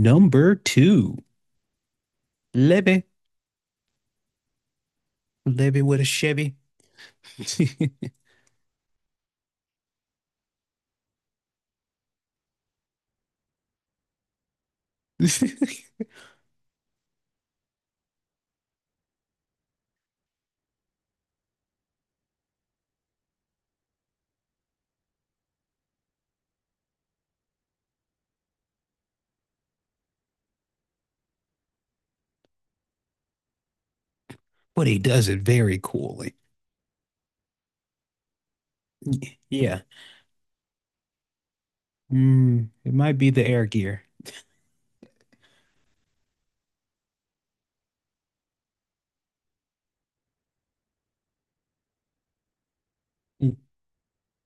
Number two, Levy. Levy with a Chevy. But he does it very coolly. Yeah. Mm, it might be the air gear.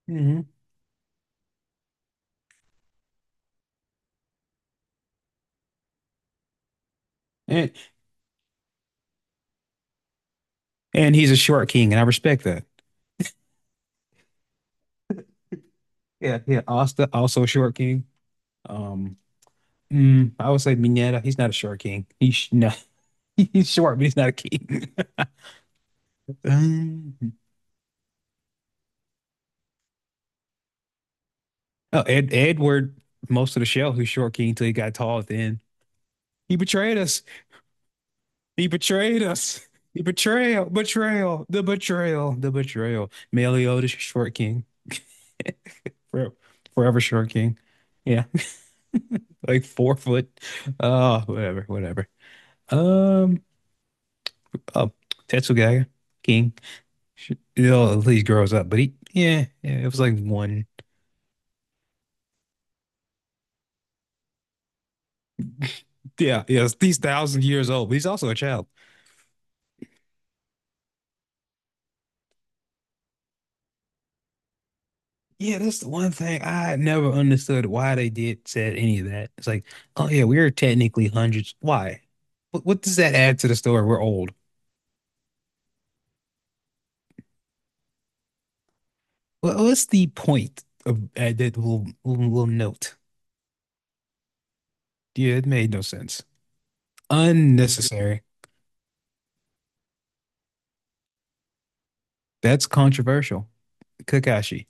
Mm-hmm. And, and he's a short king, and I respect that. Yeah, yeah. Asta also a short king. Um, I would say Mineta. He's not a short king. He's no, he's short, but he's not a king. Um, oh, Ed, Edward, most of the show, who's short king until he got tall at the end. He betrayed us. He betrayed us. The betrayal, betrayal, the betrayal, the betrayal. Meliodas, short king, forever, forever short king. Yeah, like 4 foot. Oh, whatever, whatever. Um, oh, Tetsugaga, king. You know, he grows up, but yeah, yeah, it was like one. Yeah, yeah, he's thousand years old, but he's also a child. Yeah, that's the one thing I never understood why they did said any of that. It's like, oh yeah, we're technically hundreds. Why? What does that add to the story? We're old. What's the point of that little, little note? Yeah, it made no sense. Unnecessary. That's controversial. Kakashi.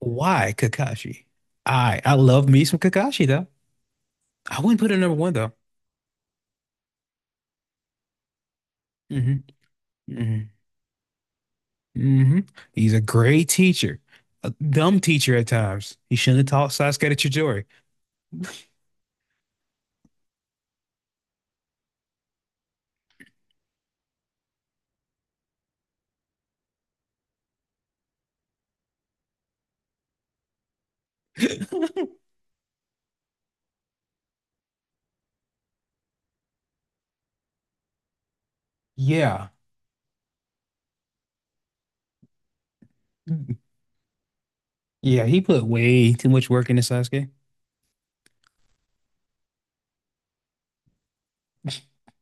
Why Kakashi? I love me some Kakashi though. I wouldn't put it number one though. hmm hmm hmm He's a great teacher, a dumb teacher at times. He shouldn't have taught Sasuke to Chidori. Yeah, yeah, he put way too much work into Sasuke.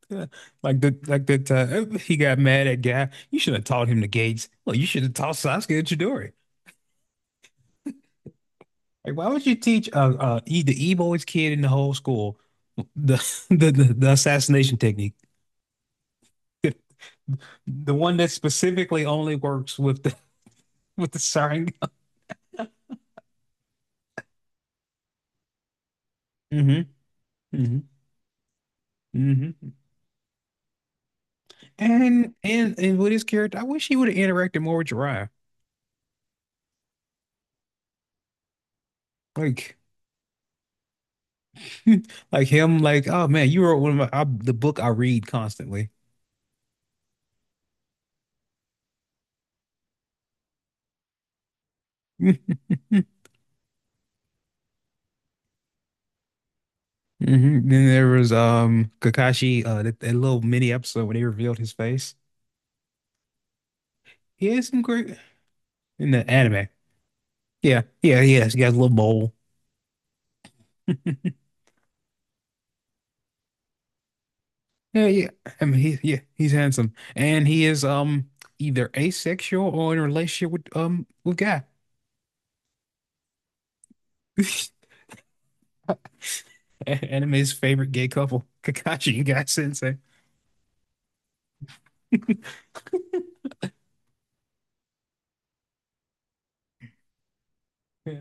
Yeah, like that he got mad at Guy. You should have taught him the gates. Well, you should have taught Sasuke to Chidori. Like, why would you teach the e kid in the whole school the the assassination technique, the one that specifically only works with the Sharingan. hmm hmm hmm and with his character, I wish he would have interacted more with Jiraiya. Like like him, like, oh man, you wrote one of the book I read constantly. Mhm. Then there was Kakashi, that little mini episode where they revealed his face. He has some great in the anime. Yeah, yeah, he has. He has a little mole. Yeah, yeah. I mean he yeah, he's handsome. And he is either asexual or in a relationship with Guy. Anime's favorite gay couple, Kakashi and Guy Sensei. Yeah,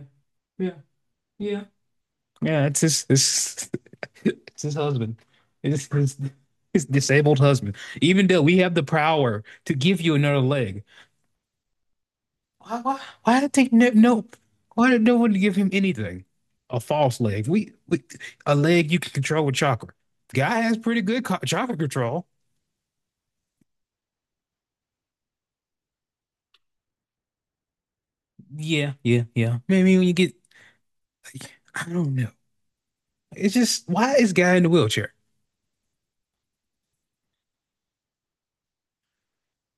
yeah, yeah, yeah. It's his, it's his husband. It's his disabled husband. Even though we have the power to give you another leg, why, why, why did they no? Why did no one give him anything? A false leg. We a leg you can control with chakra. Guy has pretty good chakra control. Yeah, yeah, yeah. Maybe when you get, I don't know. It's just why is guy in the wheelchair?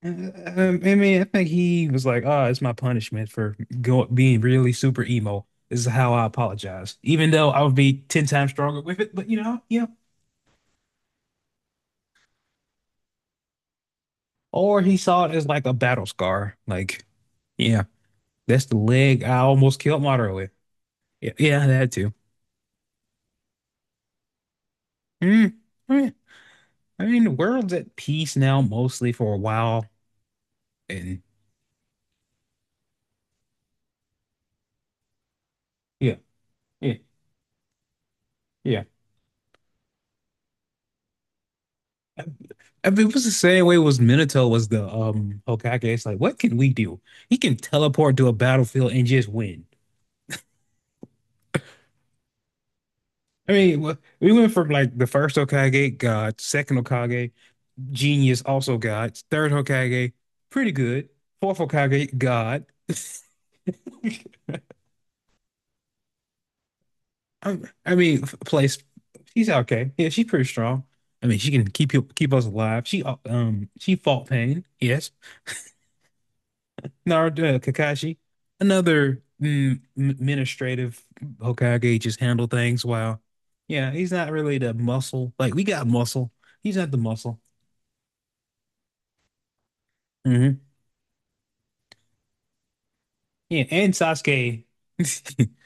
Um, I mean, I think he was like, "Oh, it's my punishment for go being really super emo. This is how I apologize, even though I would be ten times stronger with it." But you know, yeah. Or he saw it as like a battle scar. Like, yeah, that's the leg I almost killed Madara with. Yeah, yeah, that too. Mm, I mean, I mean, the world's at peace now, mostly for a while, and yeah, yeah, yeah. I it was the same way was Minato was the Hokage. It's like, what can we do? He can teleport to a battlefield and just win. I mean, we went from like the first Hokage, God, second Hokage, genius, also God, third Hokage, pretty good, fourth Hokage, God. I, I mean, she's okay. Yeah, she's pretty strong. I mean, she can keep us alive. She fought pain. Yes, Kakashi, another administrative Hokage just handle yeah, he's not really the muscle. Like we got muscle, he's not the muscle. hmm Yeah, and Sasuke.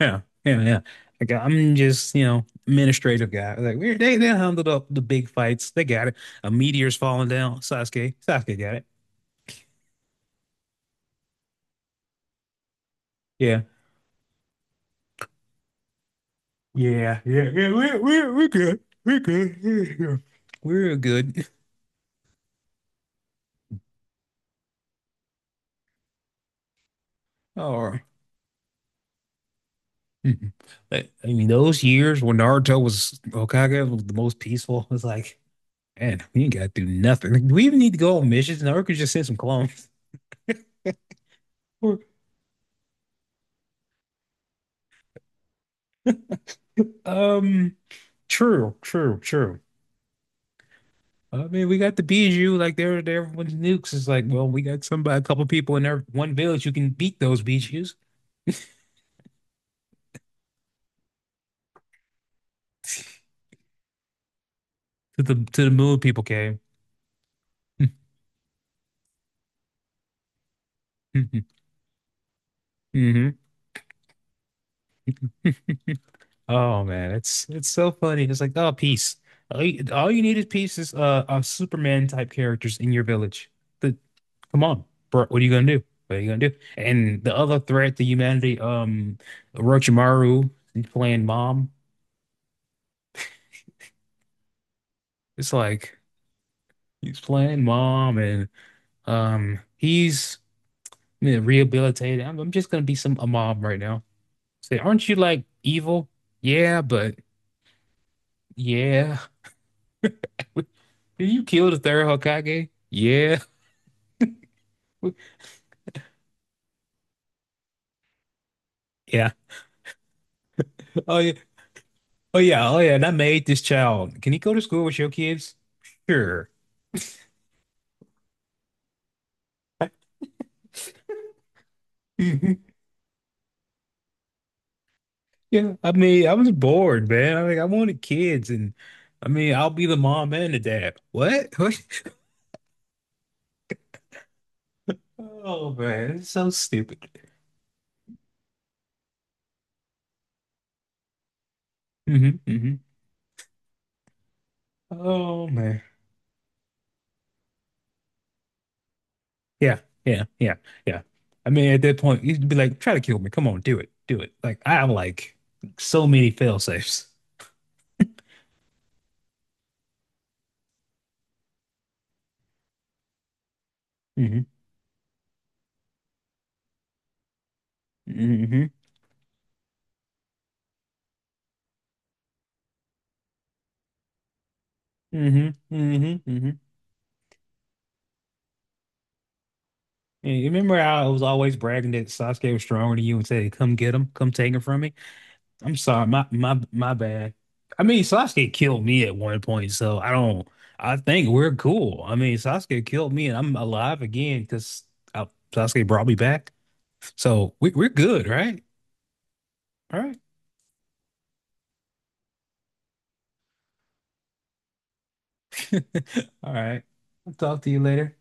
Yeah, yeah, yeah, yeah. Like I'm just, you know, administrative guy. Like we they handled up the big fights. They got it. A meteor's falling down. Sasuke got it. Yeah, yeah, yeah, yeah. We're we good. We're good. We're good. We're good. All right. Mhm. I mean, those years when Naruto was Hokage was the most peaceful. It's like, man, we ain't got to do nothing. Like, do we even need to go on missions? Naruto could just send some clones. Or, um, true, true, true. I mean, we got the Biju, like they're everyone's nukes. It's like, well, we got somebody, a couple people in their one village who can beat those Bijus to the moon people came. hmm Oh man, it's so funny. It's like, oh, peace. All you need is peace is Superman type characters in your village. The, come on, bro. What are you gonna do? What are you gonna do? And the other threat to humanity, Orochimaru, he's playing mom. It's like he's playing mom, and he's you know, rehabilitated. I'm just gonna be some a mom right now. Say, aren't you like evil? Yeah, but yeah. You killed the third Hokage? Yeah. Yeah. Oh yeah, oh yeah, oh yeah, and I made this child. Can he go to school with your kids? Sure. Mhm. Yeah, I mean, I was bored, man. I mean, I wanted kids, and I mean, I'll be the mom and the dad. What? What? Oh man, it's so stupid. hmm hmm Oh man. Yeah, yeah, yeah, yeah. I mean, at that point, you'd be like, try to kill me. Come on, do it, do it. Like I have like so many fail safes. hmm hmm hmm hmm hmm And you remember how I was always bragging that Sasuke was stronger than you and said, "Come get him, come take him from me." I'm sorry, my bad. I mean, Sasuke killed me at one point, so I don't. I think we're cool. I mean, Sasuke killed me, and I'm alive again because Sasuke brought me back. So we're good, right? All right, all right. I'll talk to you later.